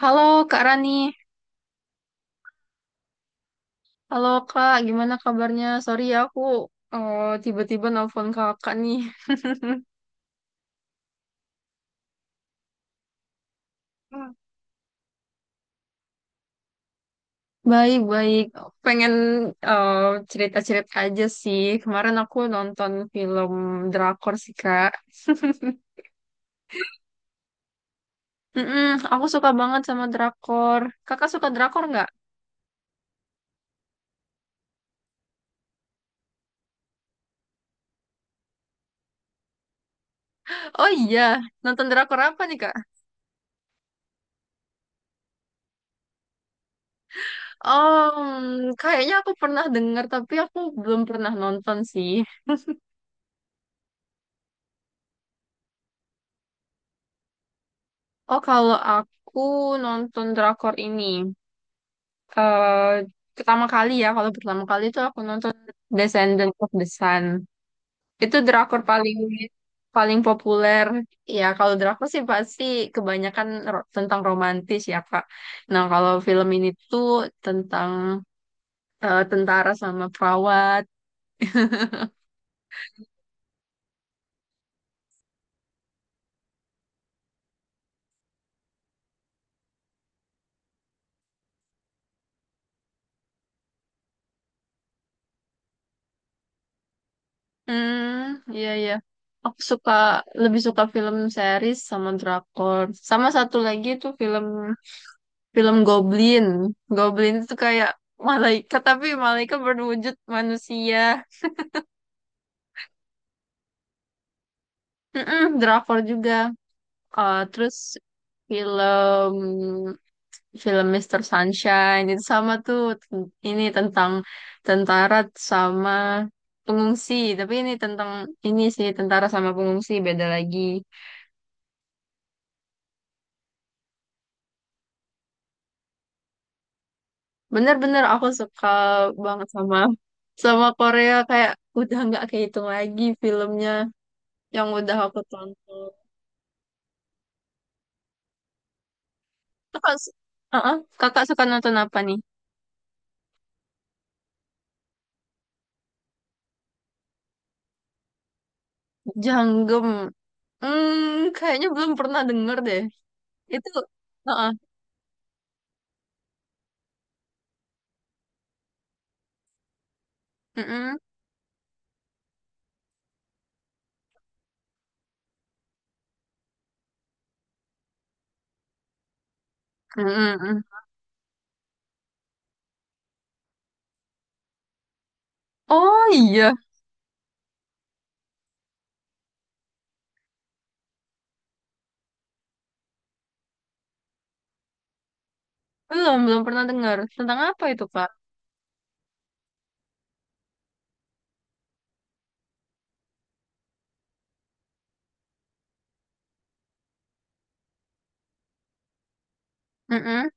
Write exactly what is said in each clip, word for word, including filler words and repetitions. Halo Kak Rani, halo Kak, gimana kabarnya? Sorry ya aku eh, tiba-tiba nelfon Kakak nih. Hmm. Baik-baik, pengen eh, cerita-cerita aja sih. Kemarin aku nonton film drakor sih Kak. Mm-mm, aku suka banget sama drakor. Kakak suka drakor nggak? Oh iya, nonton drakor apa nih Kak? Um, kayaknya aku pernah dengar tapi aku belum pernah nonton sih. Oh, kalau aku nonton drakor ini. eh Pertama kali ya, kalau pertama kali itu aku nonton Descendant of the Sun. Itu drakor paling paling populer. Ya, kalau drakor sih pasti kebanyakan ro- tentang romantis ya, Kak. Nah, kalau film ini tuh tentang eh, tentara sama perawat. Hmm, iya iya. Aku suka lebih suka film series sama drakor. Sama satu lagi itu film Film Goblin. Goblin itu kayak malaikat tapi malaikat berwujud manusia. Mm-mm, drakor juga. Eh, terus film film Mister Sunshine itu sama tuh Ten- ini tentang tentara sama pengungsi tapi ini tentang ini sih tentara sama pengungsi beda lagi bener-bener aku suka banget sama sama Korea kayak udah nggak kehitung lagi filmnya yang udah aku tonton Kakak, su- uh-uh. Kakak suka nonton apa nih? Janggem. Hmm, kayaknya belum pernah denger deh. Itu, uh-uh. Mm-mm. Mm. Oh iya, belum belum pernah dengar. Tentang apa itu, Kak? Mm-mm.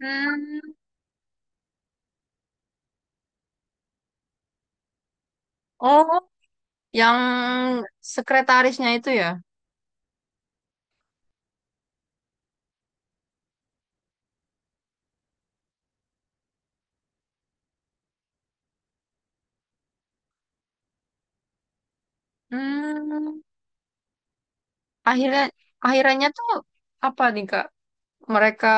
Hmm. Oh, yang sekretarisnya itu ya? Hmm. Akhirnya, akhirannya tuh apa nih, Kak? Mereka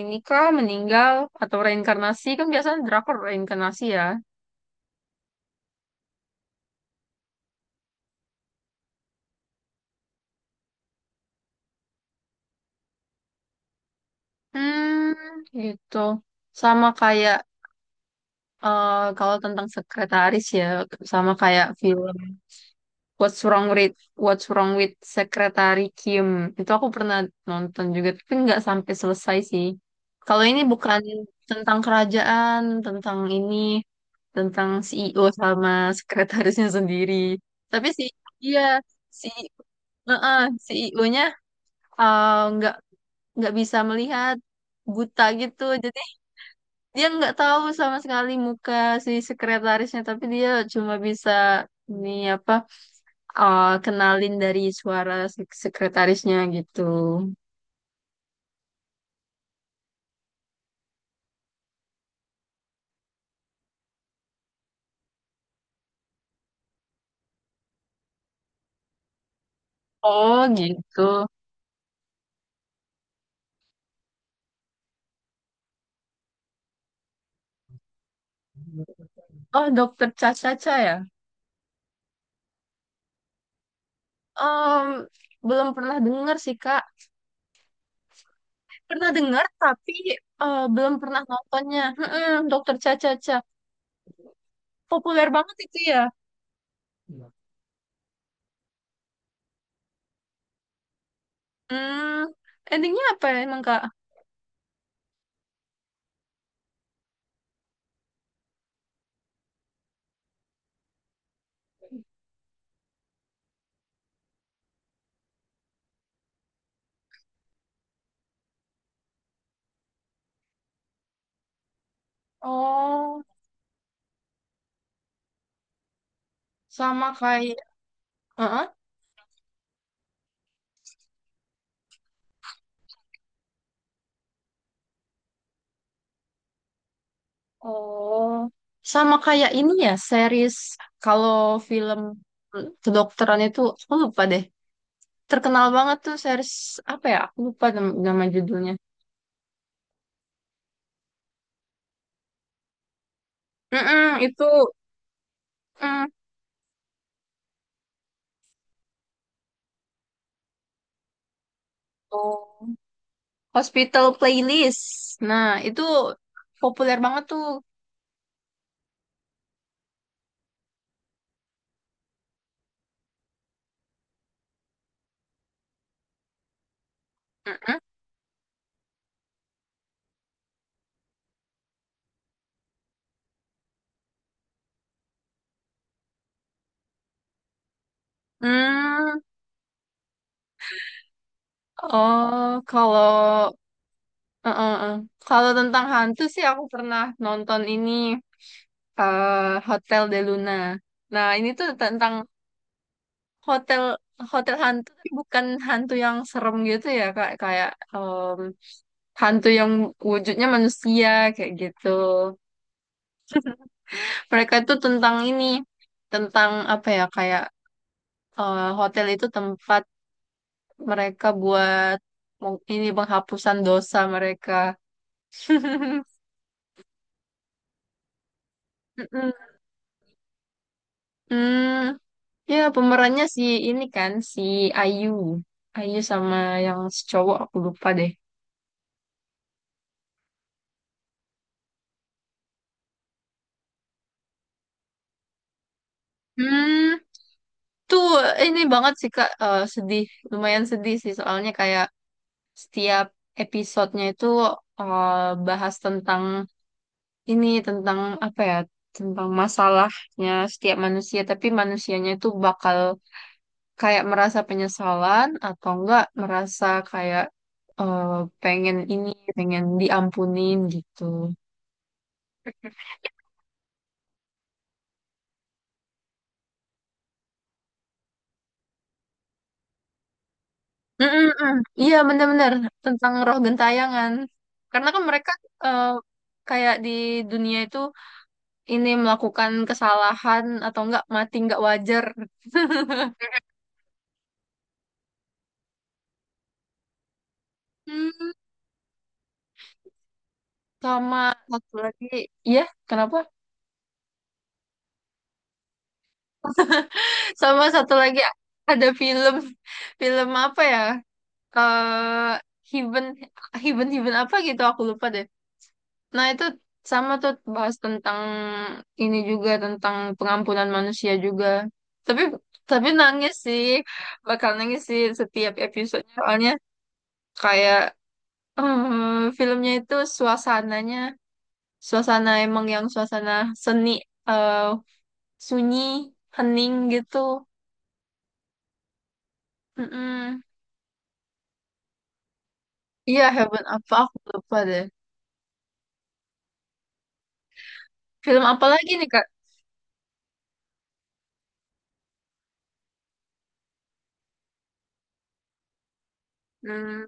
ini kah meninggal atau reinkarnasi? Kan biasanya drakor reinkarnasi ya. Hmm, gitu. Sama kayak eh, kalau tentang sekretaris ya, sama kayak film What's Wrong with What's Wrong with Secretary Kim. Itu aku pernah nonton juga, tapi nggak sampai selesai sih. Kalau ini bukan tentang kerajaan, tentang ini, tentang C E O sama sekretarisnya sendiri. Tapi si iya si C E O-nya nggak nggak bisa melihat buta gitu, dia nggak tahu sama sekali muka si sekretarisnya tapi dia cuma bisa ini apa eh, kenalin dari suara si sekretarisnya gitu. Oh gitu. Oh, dokter Caca-Caca ya. Em, belum pernah dengar sih kak, pernah dengar tapi eh, belum pernah nontonnya, mm dokter Caca-Caca populer banget itu ya. hmm Endingnya apa ya emang kak? Oh, sama kayak. Heeh. Oh, sama kayak ini ya, series kalau film kedokteran itu aku lupa deh. Terkenal banget tuh series apa ya? Aku lupa nam- nama judulnya. Mm-mm, itu mm, oh, Hospital Playlist. Nah, itu populer banget tuh. Mm-mm. Hmm, oh, kalau eh, eh, eh. Kalau tentang hantu sih aku pernah nonton ini eh, Hotel de Luna. Nah, ini tuh tentang hotel hotel hantu tapi bukan hantu yang serem gitu ya kak kayak em, hantu yang wujudnya manusia kayak gitu, mereka itu tentang ini, tentang apa ya, kayak eh, hotel itu tempat mereka buat meng- ini penghapusan dosa mereka. Mm-mm. Hmm, ya pemerannya si ini kan si Ayu Ayu sama yang si cowok aku lupa deh. hmm Itu ini banget sih Kak. Eh, sedih, lumayan sedih sih soalnya kayak setiap episodenya itu eh, bahas tentang ini, tentang apa ya, tentang masalahnya setiap manusia, tapi manusianya itu bakal kayak merasa penyesalan atau enggak merasa kayak eh, pengen ini, pengen diampunin gitu. Mm-mm-mm. Iya benar-benar tentang roh gentayangan. Karena kan mereka eh, kayak di dunia itu ini melakukan kesalahan atau enggak mati enggak wajar. Hmm, sama satu lagi, ya kenapa? Sama satu lagi ada film film apa ya? Eh Heaven Heaven Heaven apa gitu aku lupa deh. Nah itu sama tuh bahas tentang ini juga tentang pengampunan manusia juga. Tapi tapi nangis sih, bakal nangis sih setiap episode soalnya kayak eh, filmnya itu suasananya. Suasana emang yang suasana seni eh sunyi hening gitu. Mm-mm. Iya Heaven apa aku lupa deh. Film apa lagi nih kak? hmm,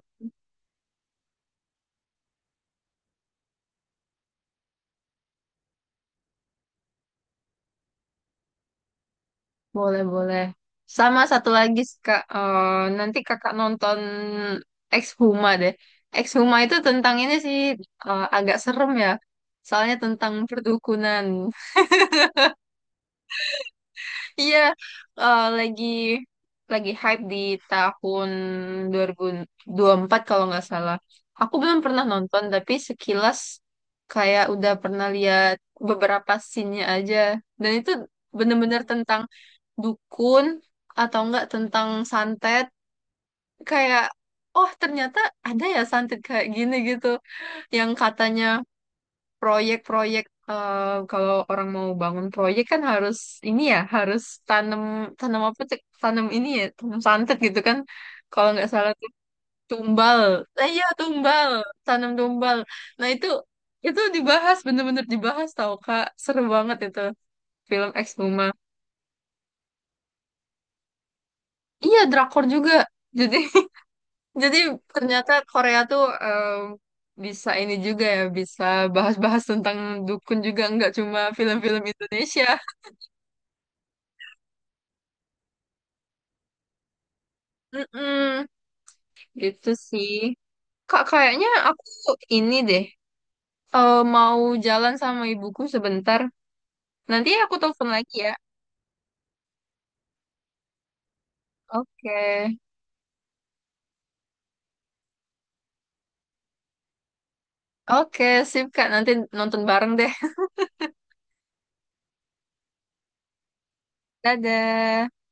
Boleh boleh, sama satu lagi kak eh nanti kakak nonton Ex deh. Ex itu tentang ini sih eh, agak serem ya soalnya tentang perdukunan. Iya, eh, lagi lagi hype di tahun dua ribu dua ribu empat kalau nggak salah. Aku belum pernah nonton, tapi sekilas kayak udah pernah lihat beberapa scene-nya aja. Dan itu bener-bener tentang dukun atau enggak tentang santet. Kayak, oh ternyata ada ya santet kayak gini gitu. Yang katanya proyek-proyek eh, kalau orang mau bangun proyek kan harus ini ya harus tanam tanam apa cek tanam ini ya tanam santet gitu kan kalau nggak salah tuh, tumbal. Eh, iya tumbal, tanam tumbal. Nah itu itu dibahas, bener-bener dibahas tau kak, seru banget itu film Exhuma. Iya drakor juga jadi, jadi ternyata Korea tuh em, bisa ini juga ya bisa bahas-bahas tentang dukun juga nggak cuma film-film Indonesia. Mm-mm. Gitu sih. Kak, kayaknya aku ini deh, eh, mau jalan sama ibuku sebentar. Nanti aku telepon lagi ya. Oke. Oke, sip Kak. Nanti nonton bareng deh. Dadah.